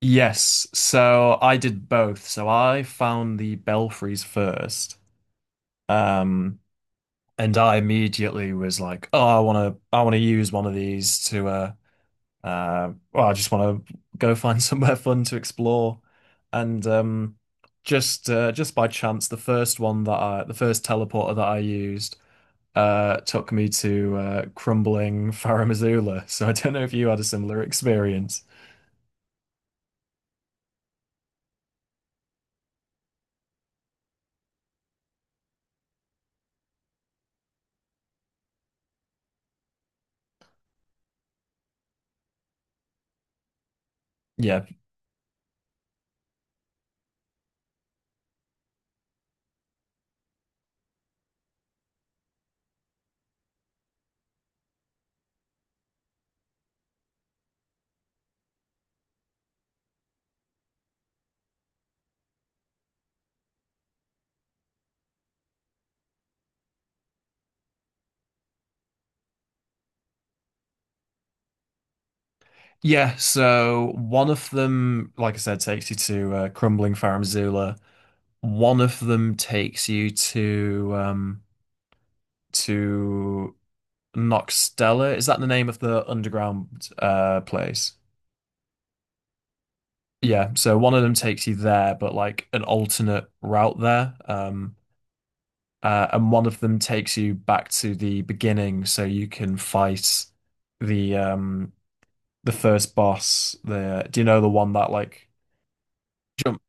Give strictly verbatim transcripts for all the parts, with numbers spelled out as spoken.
Yes, so I did both. So I found the belfries first, um, and I immediately was like, "Oh, I want to, I want to use one of these to, uh, uh, well, I just want to go find somewhere fun to explore." And um, just, uh, just by chance, the first one that I, the first teleporter that I used, uh, took me to uh, crumbling Farum Azula. So I don't know if you had a similar experience. Yeah. Yeah, so one of them, like I said, takes you to uh, Crumbling Pharmazula. One of them takes you to um to Noxtella. Is that the name of the underground uh place? Yeah, so one of them takes you there, but like an alternate route there. Um uh, and one of them takes you back to the beginning so you can fight the um the first boss. The do you know the one that like jump?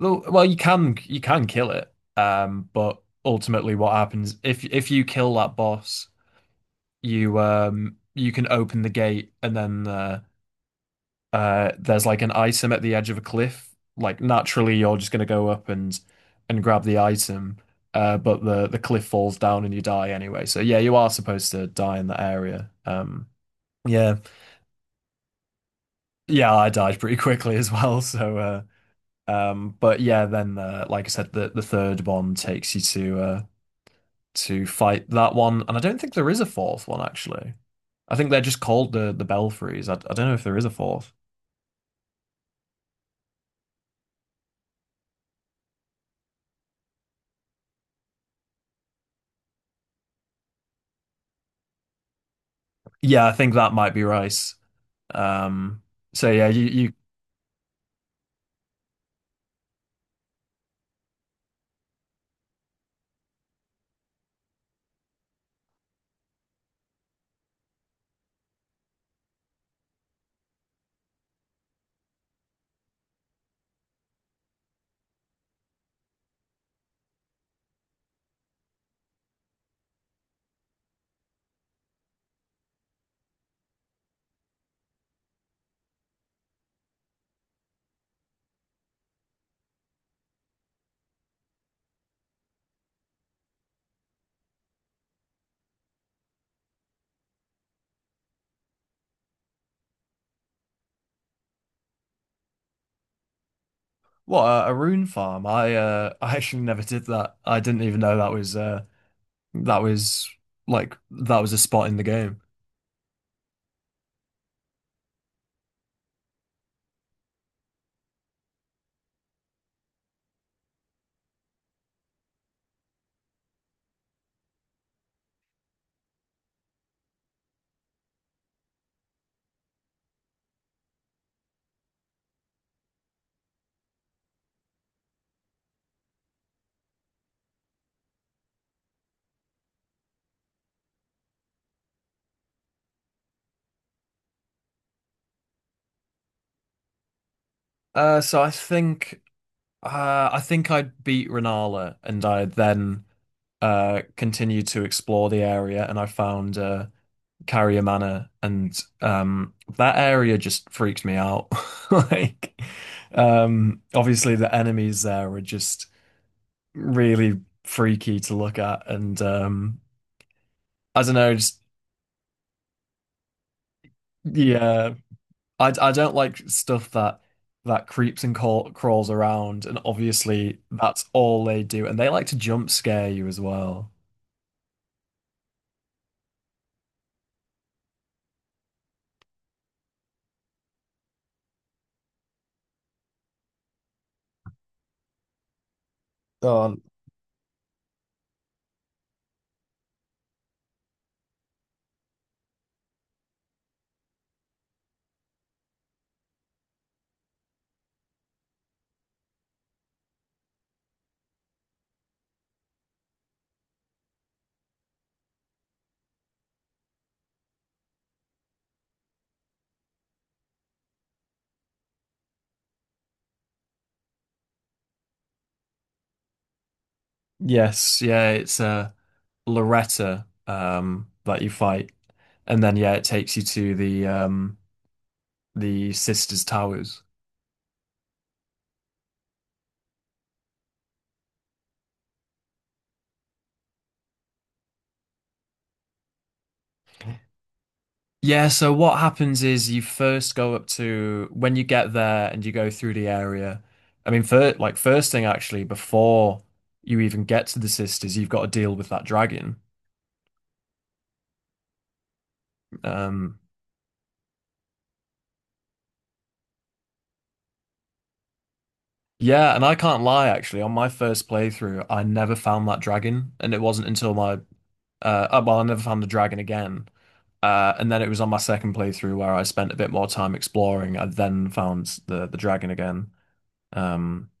Well, well, you can you can kill it, um, but ultimately, what happens if if you kill that boss, you um you can open the gate, and then uh, uh there's like an item at the edge of a cliff. Like naturally, you're just gonna go up and and grab the item, uh, but the the cliff falls down and you die anyway. So yeah, you are supposed to die in that area. Um, yeah, yeah, I died pretty quickly as well. So uh, um, but yeah, then uh, like I said, the the third one takes you to uh to fight that one, and I don't think there is a fourth one actually. I think they're just called the the Belfries. I, I don't know if there is a fourth. Yeah, I think that might be Rice. Um, so yeah, you you what a, a rune farm. I uh I actually never did that. I didn't even know that was uh that was like that was a spot in the game. Uh, so I think uh I think I beat Renala, and I then uh continued to explore the area, and I found uh Carrier Manor, and um, that area just freaks me out. Like, um, obviously the enemies there are just really freaky to look at, and um, I don't know, just yeah, I I don't like stuff that that creeps and crawl, crawls around, and obviously that's all they do, and they like to jump scare you as well. Oh, yes, yeah, it's uh Loretta um, that you fight, and then yeah, it takes you to the um, the sisters' towers. Yeah, so what happens is you first go up to when you get there and you go through the area. I mean, for like first thing actually, before you even get to the sisters, you've got to deal with that dragon. Um, Yeah, and I can't lie, actually, on my first playthrough, I never found that dragon, and it wasn't until my uh oh, well, I never found the dragon again. Uh, and then it was on my second playthrough where I spent a bit more time exploring. I then found the the dragon again. Um,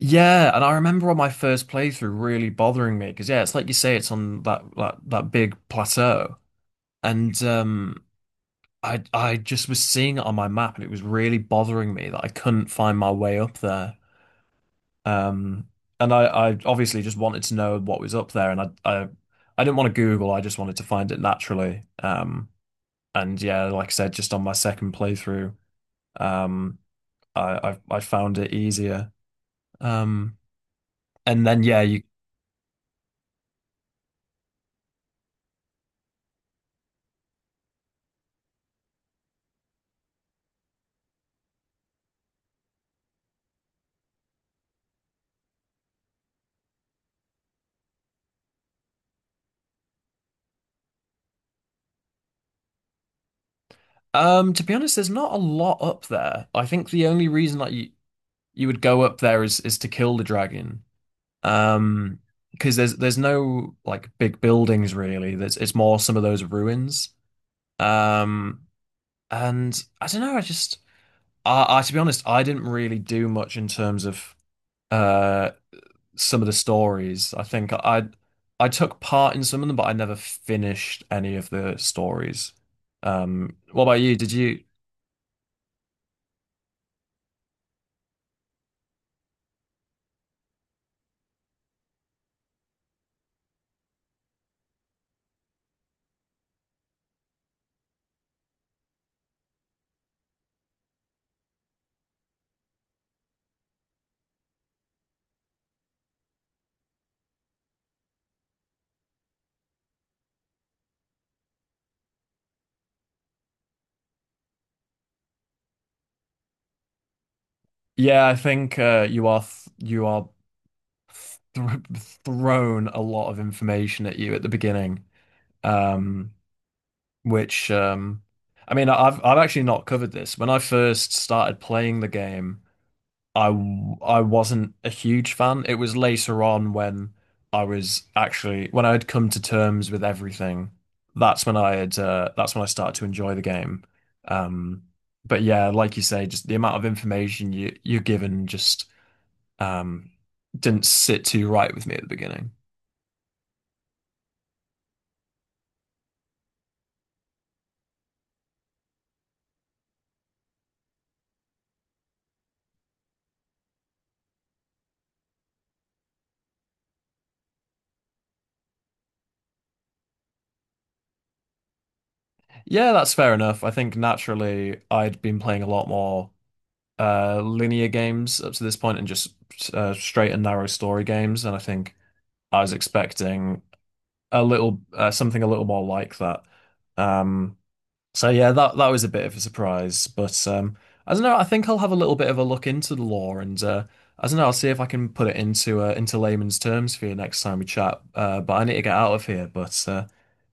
yeah, and I remember on my first playthrough really bothering me because yeah, it's like you say, it's on that that that big plateau, and um, I I just was seeing it on my map, and it was really bothering me that I couldn't find my way up there. Um, and I, I obviously just wanted to know what was up there, and I, I, I didn't want to Google. I just wanted to find it naturally. Um, and yeah, like I said, just on my second playthrough, um, I, I, I found it easier. Um, and then yeah, you, um, to be honest, there's not a lot up there. I think the only reason that you you would go up there is is to kill the dragon. Um, because there's there's no like big buildings really. There's it's more some of those ruins. Um. And I don't know, I just I, I to be honest, I didn't really do much in terms of uh some of the stories. I think I I took part in some of them, but I never finished any of the stories. Um, what about you? Did you? Yeah, I think uh, you are th you are th thrown a lot of information at you at the beginning, um, which um, I mean, I've I've actually not covered this when I first started playing the game. I w- I wasn't a huge fan. It was later on when I was actually when I had come to terms with everything. That's when I had uh, that's when I started to enjoy the game. Um, but yeah, like you say, just the amount of information you you're given just um, didn't sit too right with me at the beginning. Yeah, that's fair enough. I think naturally I'd been playing a lot more uh, linear games up to this point and just uh, straight and narrow story games. And I think I was expecting a little uh, something a little more like that. Um, so yeah, that that was a bit of a surprise, but um, I don't know. I think I'll have a little bit of a look into the law, and uh, I don't know. I'll see if I can put it into uh, into layman's terms for you next time we chat. Uh, but I need to get out of here. But uh,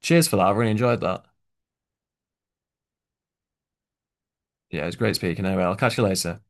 cheers for that. I really enjoyed that. Yeah, it was great speaking. Anyway, I'll catch you later.